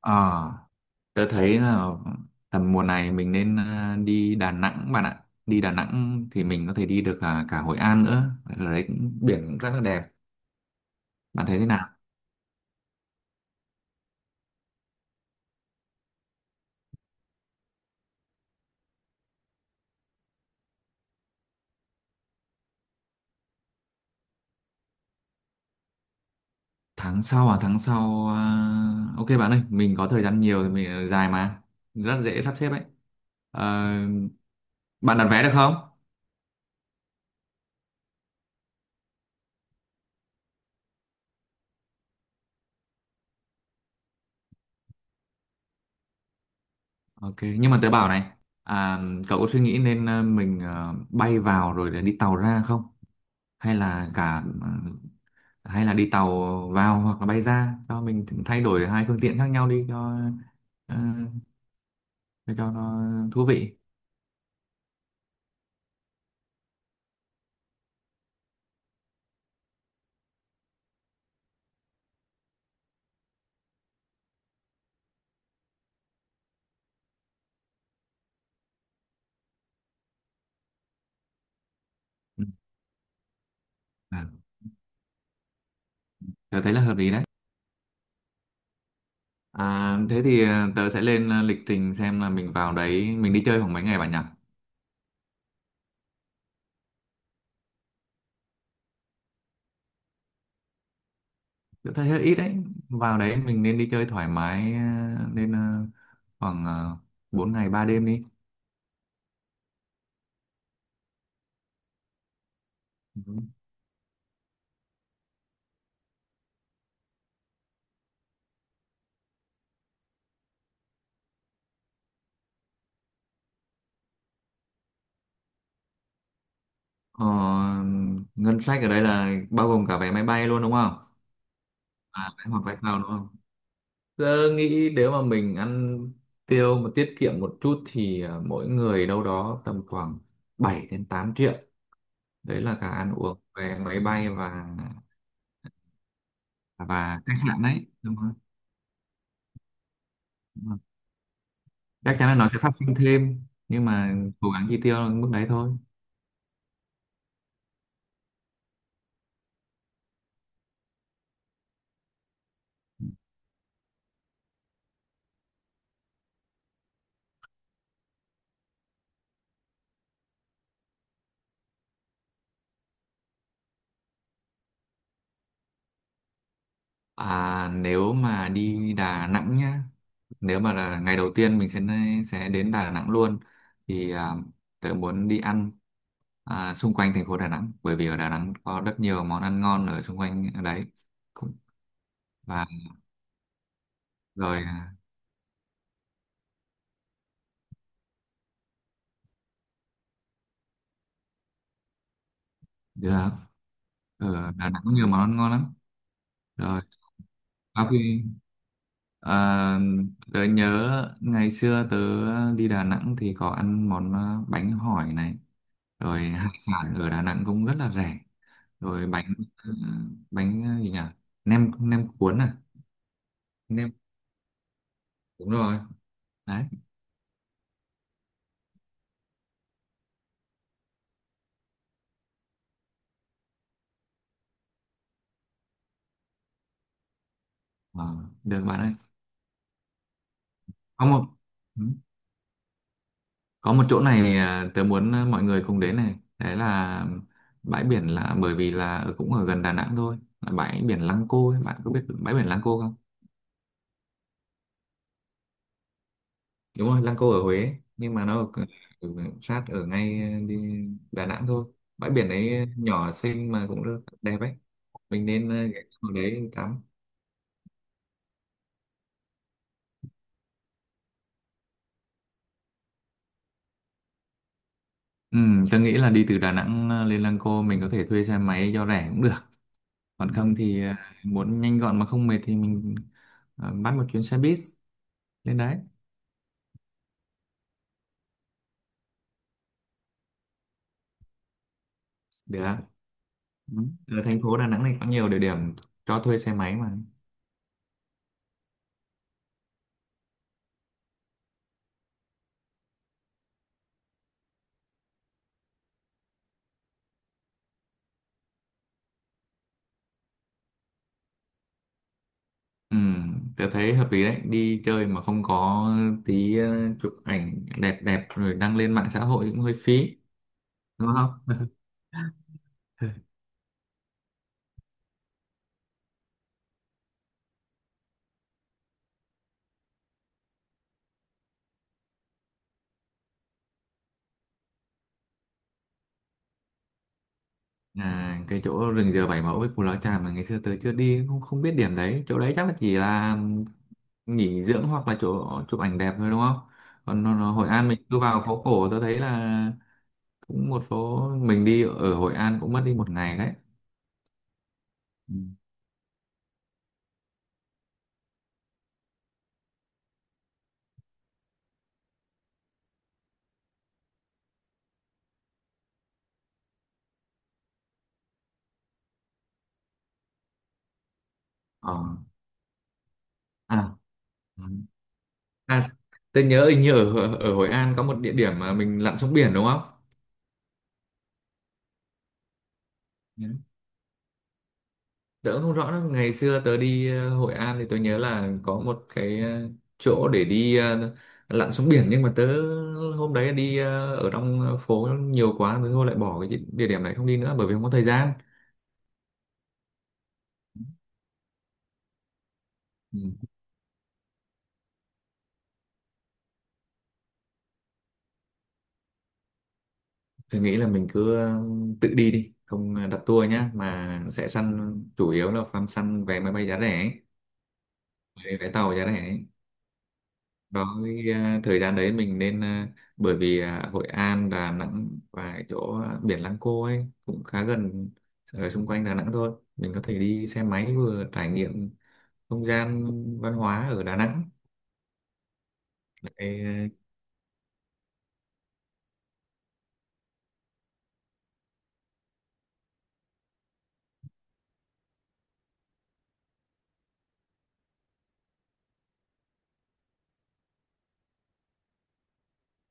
Ờ, tớ thấy là tầm mùa này mình nên đi Đà Nẵng bạn ạ. Đi Đà Nẵng thì mình có thể đi được cả Hội An nữa. Ở đấy cũng, biển cũng rất là đẹp. Bạn thấy thế nào? Tháng sau à? Ok bạn ơi, mình có thời gian nhiều thì dài mà. Rất dễ sắp xếp ấy. Ờ, Bạn đặt vé được không? Ok, nhưng mà tớ bảo này, à, cậu có suy nghĩ nên bay vào rồi để đi tàu ra không? Hay là cả ờ, Hay là đi tàu vào hoặc là bay ra cho mình thay đổi hai phương tiện khác nhau đi cho ờ, cho nó thú vị. Ừ. À, tớ thấy là hợp lý đấy. À, thế thì tớ sẽ lên lịch trình xem là mình vào đấy mình đi chơi khoảng mấy ngày bạn nhỉ? Tớ thấy hơi ít đấy. Vào đấy mình nên đi chơi thoải mái nên ờ, khoảng uh, 4 ngày 3 đêm đi. Ừ. Ờ, ngân sách ở đây là bao gồm cả vé máy bay luôn đúng không? À, vé hoặc vé tàu đúng không? Tớ nghĩ nếu mà mình ăn tiêu mà tiết kiệm một chút thì mỗi người đâu đó tầm khoảng 7 đến 8 triệu. Đấy là cả ăn uống, vé máy bay và khách sạn đấy, đúng không? Đúng rồi. Chắc chắn là nó sẽ phát sinh thêm nhưng mà cố gắng chi tiêu ở mức đấy thôi. À, nếu mà đi Đà Nẵng nhá, nếu mà là ngày đầu tiên mình sẽ đến Đà Nẵng luôn thì tớ muốn đi ăn xung quanh thành phố Đà Nẵng, bởi vì ở Đà Nẵng có rất nhiều món ăn ngon ở xung quanh ở đấy cũng. Và rồi à, được ở Đà Nẵng có nhiều món ăn ngon lắm. Rồi sau khi à, tớ nhớ ngày xưa tớ đi Đà Nẵng thì có ăn món bánh hỏi này, rồi hải sản ở Đà Nẵng cũng rất là rẻ, rồi gì nhỉ, nem nem cuốn à, nem đúng rồi đấy. Ờ, Được bạn ơi. có một ừ, có một chỗ này, tớ muốn mọi người cùng đến này, đấy là bãi biển, là bởi vì là cũng ở gần Đà Nẵng thôi, là bãi biển Lăng Cô ấy. Bạn có biết bãi biển Lăng Cô không? Đúng rồi, Lăng Cô ở Huế, nhưng mà nó ở, ở sát ở ngay đi Đà Nẵng thôi. Bãi biển ấy nhỏ xinh mà cũng rất đẹp ấy, mình nên ghé vào đấy tắm. Ừ, tôi nghĩ là đi từ Đà Nẵng lên Lăng Cô mình có thể thuê xe máy cho rẻ cũng được. Còn không thì muốn nhanh gọn mà không mệt thì mình bắt một chuyến xe buýt lên đấy. Được. Ừ. Ở thành phố Đà Nẵng này có nhiều địa điểm cho thuê xe máy mà. Ừ, tôi thấy hợp lý đấy. Đi chơi mà không có tí chụp ảnh đẹp đẹp rồi đăng lên mạng xã hội cũng hơi phí. Đúng không? À, cái chỗ rừng dừa Bảy Mẫu với Cù Lao Chàm mà ngày xưa tới chưa đi, không không biết điểm đấy, chỗ đấy chắc là chỉ là nghỉ dưỡng hoặc là chỗ chụp ảnh đẹp thôi đúng không. Còn nó Hội An mình cứ vào phố cổ tôi thấy là cũng một số, mình đi ở Hội An cũng mất đi một ngày đấy. Ừ. ờ. à. Ừ. à tôi nhớ hình như ở ở Hội An có một địa điểm mà mình lặn xuống biển đúng không? Ừ, tớ cũng không rõ nữa. Ngày xưa tớ đi Hội An thì tôi nhớ là có một cái chỗ để đi lặn xuống biển, nhưng mà tớ hôm đấy đi ở trong phố nhiều quá, tớ thôi lại bỏ cái địa điểm này không đi nữa bởi vì không có thời gian. Tôi nghĩ là mình cứ tự đi đi, không đặt tour nhá, mà sẽ săn chủ yếu là săn săn vé máy bay giá rẻ, ấy, vé vé tàu giá rẻ ấy. Đó, cái, thời gian đấy mình nên bởi vì Hội An, Đà Nẵng và cái chỗ biển Lăng Cô ấy cũng khá gần, ở xung quanh Đà Nẵng thôi. Mình có thể đi xe máy vừa trải nghiệm không gian văn hóa ở Đà Nẵng. Đấy,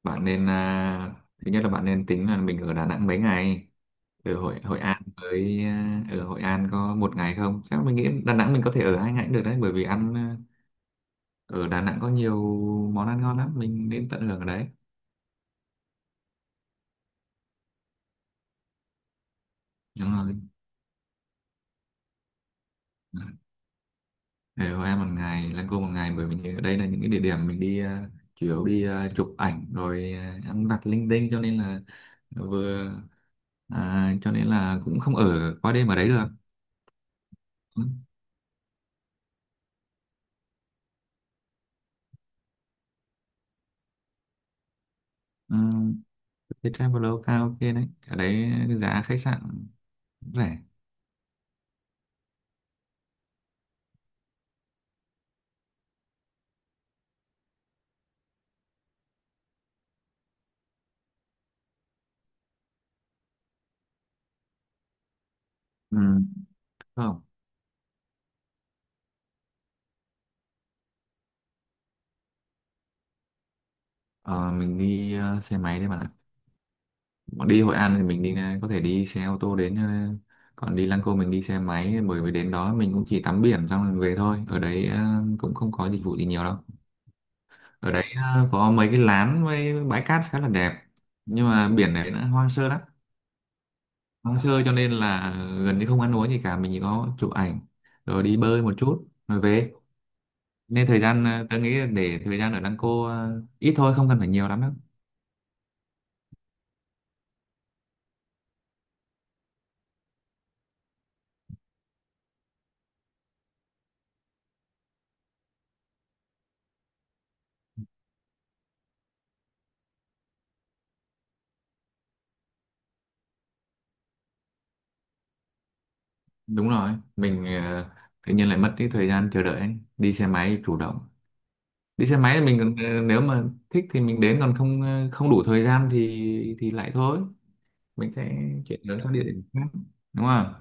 bạn nên thứ nhất là bạn nên tính là mình ở Đà Nẵng mấy ngày, ở Hội Hội An với ở Hội An có một ngày không chắc, mình nghĩ Đà Nẵng mình có thể ở 2 ngày cũng được đấy, bởi vì ăn ở Đà Nẵng có nhiều món ăn ngon lắm, mình nên tận hưởng ở đấy. Đúng rồi, ở Hội An một ngày, Lăng Cô một ngày, bởi vì ở đây là những cái địa điểm mình đi chủ yếu đi chụp ảnh rồi ăn vặt linh tinh, cho nên là vừa cho nên là cũng không ở qua đêm ở đấy được. Ừ. Ừ. Cái Traveloka ok đấy, ở đấy giá khách sạn rẻ. Ừ. không. Ờ, mình đi xe máy đấy bạn ạ. Bọn đi Hội An thì mình đi có thể đi xe ô tô đến còn đi Lăng Cô mình đi xe máy, bởi vì đến đó mình cũng chỉ tắm biển xong rồi về thôi. Ở đấy cũng không có dịch vụ gì nhiều đâu. Ở đấy có mấy cái lán với bãi cát khá là đẹp. Nhưng mà biển đấy nó hoang sơ lắm. Hoang sơ cho nên là gần như không ăn uống gì cả, mình chỉ có chụp ảnh rồi đi bơi một chút rồi về. Nên thời gian tôi nghĩ là để thời gian ở Lăng Cô ít thôi, không cần phải nhiều lắm đâu. Đúng rồi, mình tự nhiên lại mất cái thời gian chờ đợi ấy. Đi xe máy chủ động. Đi xe máy thì mình còn, nếu mà thích thì mình đến, còn không không đủ thời gian thì lại thôi, mình sẽ chuyển đến các địa điểm khác đúng không.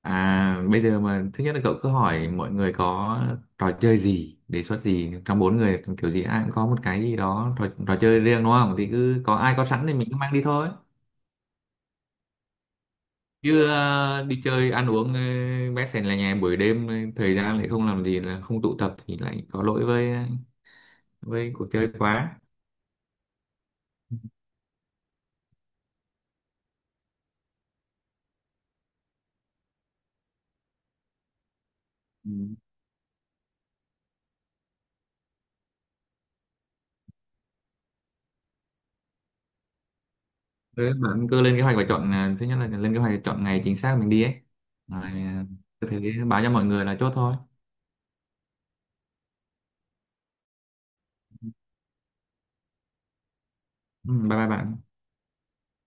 Bây giờ mà thứ nhất là cậu cứ hỏi mọi người có trò chơi gì đề xuất gì, trong bốn người kiểu gì ai cũng có một cái gì đó trò, trò chơi riêng đúng không, thì cứ có ai có sẵn thì mình cứ mang đi thôi. Chứ đi chơi ăn uống bét sèn là nhà buổi đêm thời gian lại không làm gì là không tụ tập thì lại có lỗi với với cuộc chơi quá. Ừ. Thế bạn cứ lên kế hoạch và chọn thứ nhất là lên kế hoạch và chọn ngày chính xác mình đi ấy, rồi cứ thế báo cho mọi người là chốt thôi. Ừ, bye bye bạn.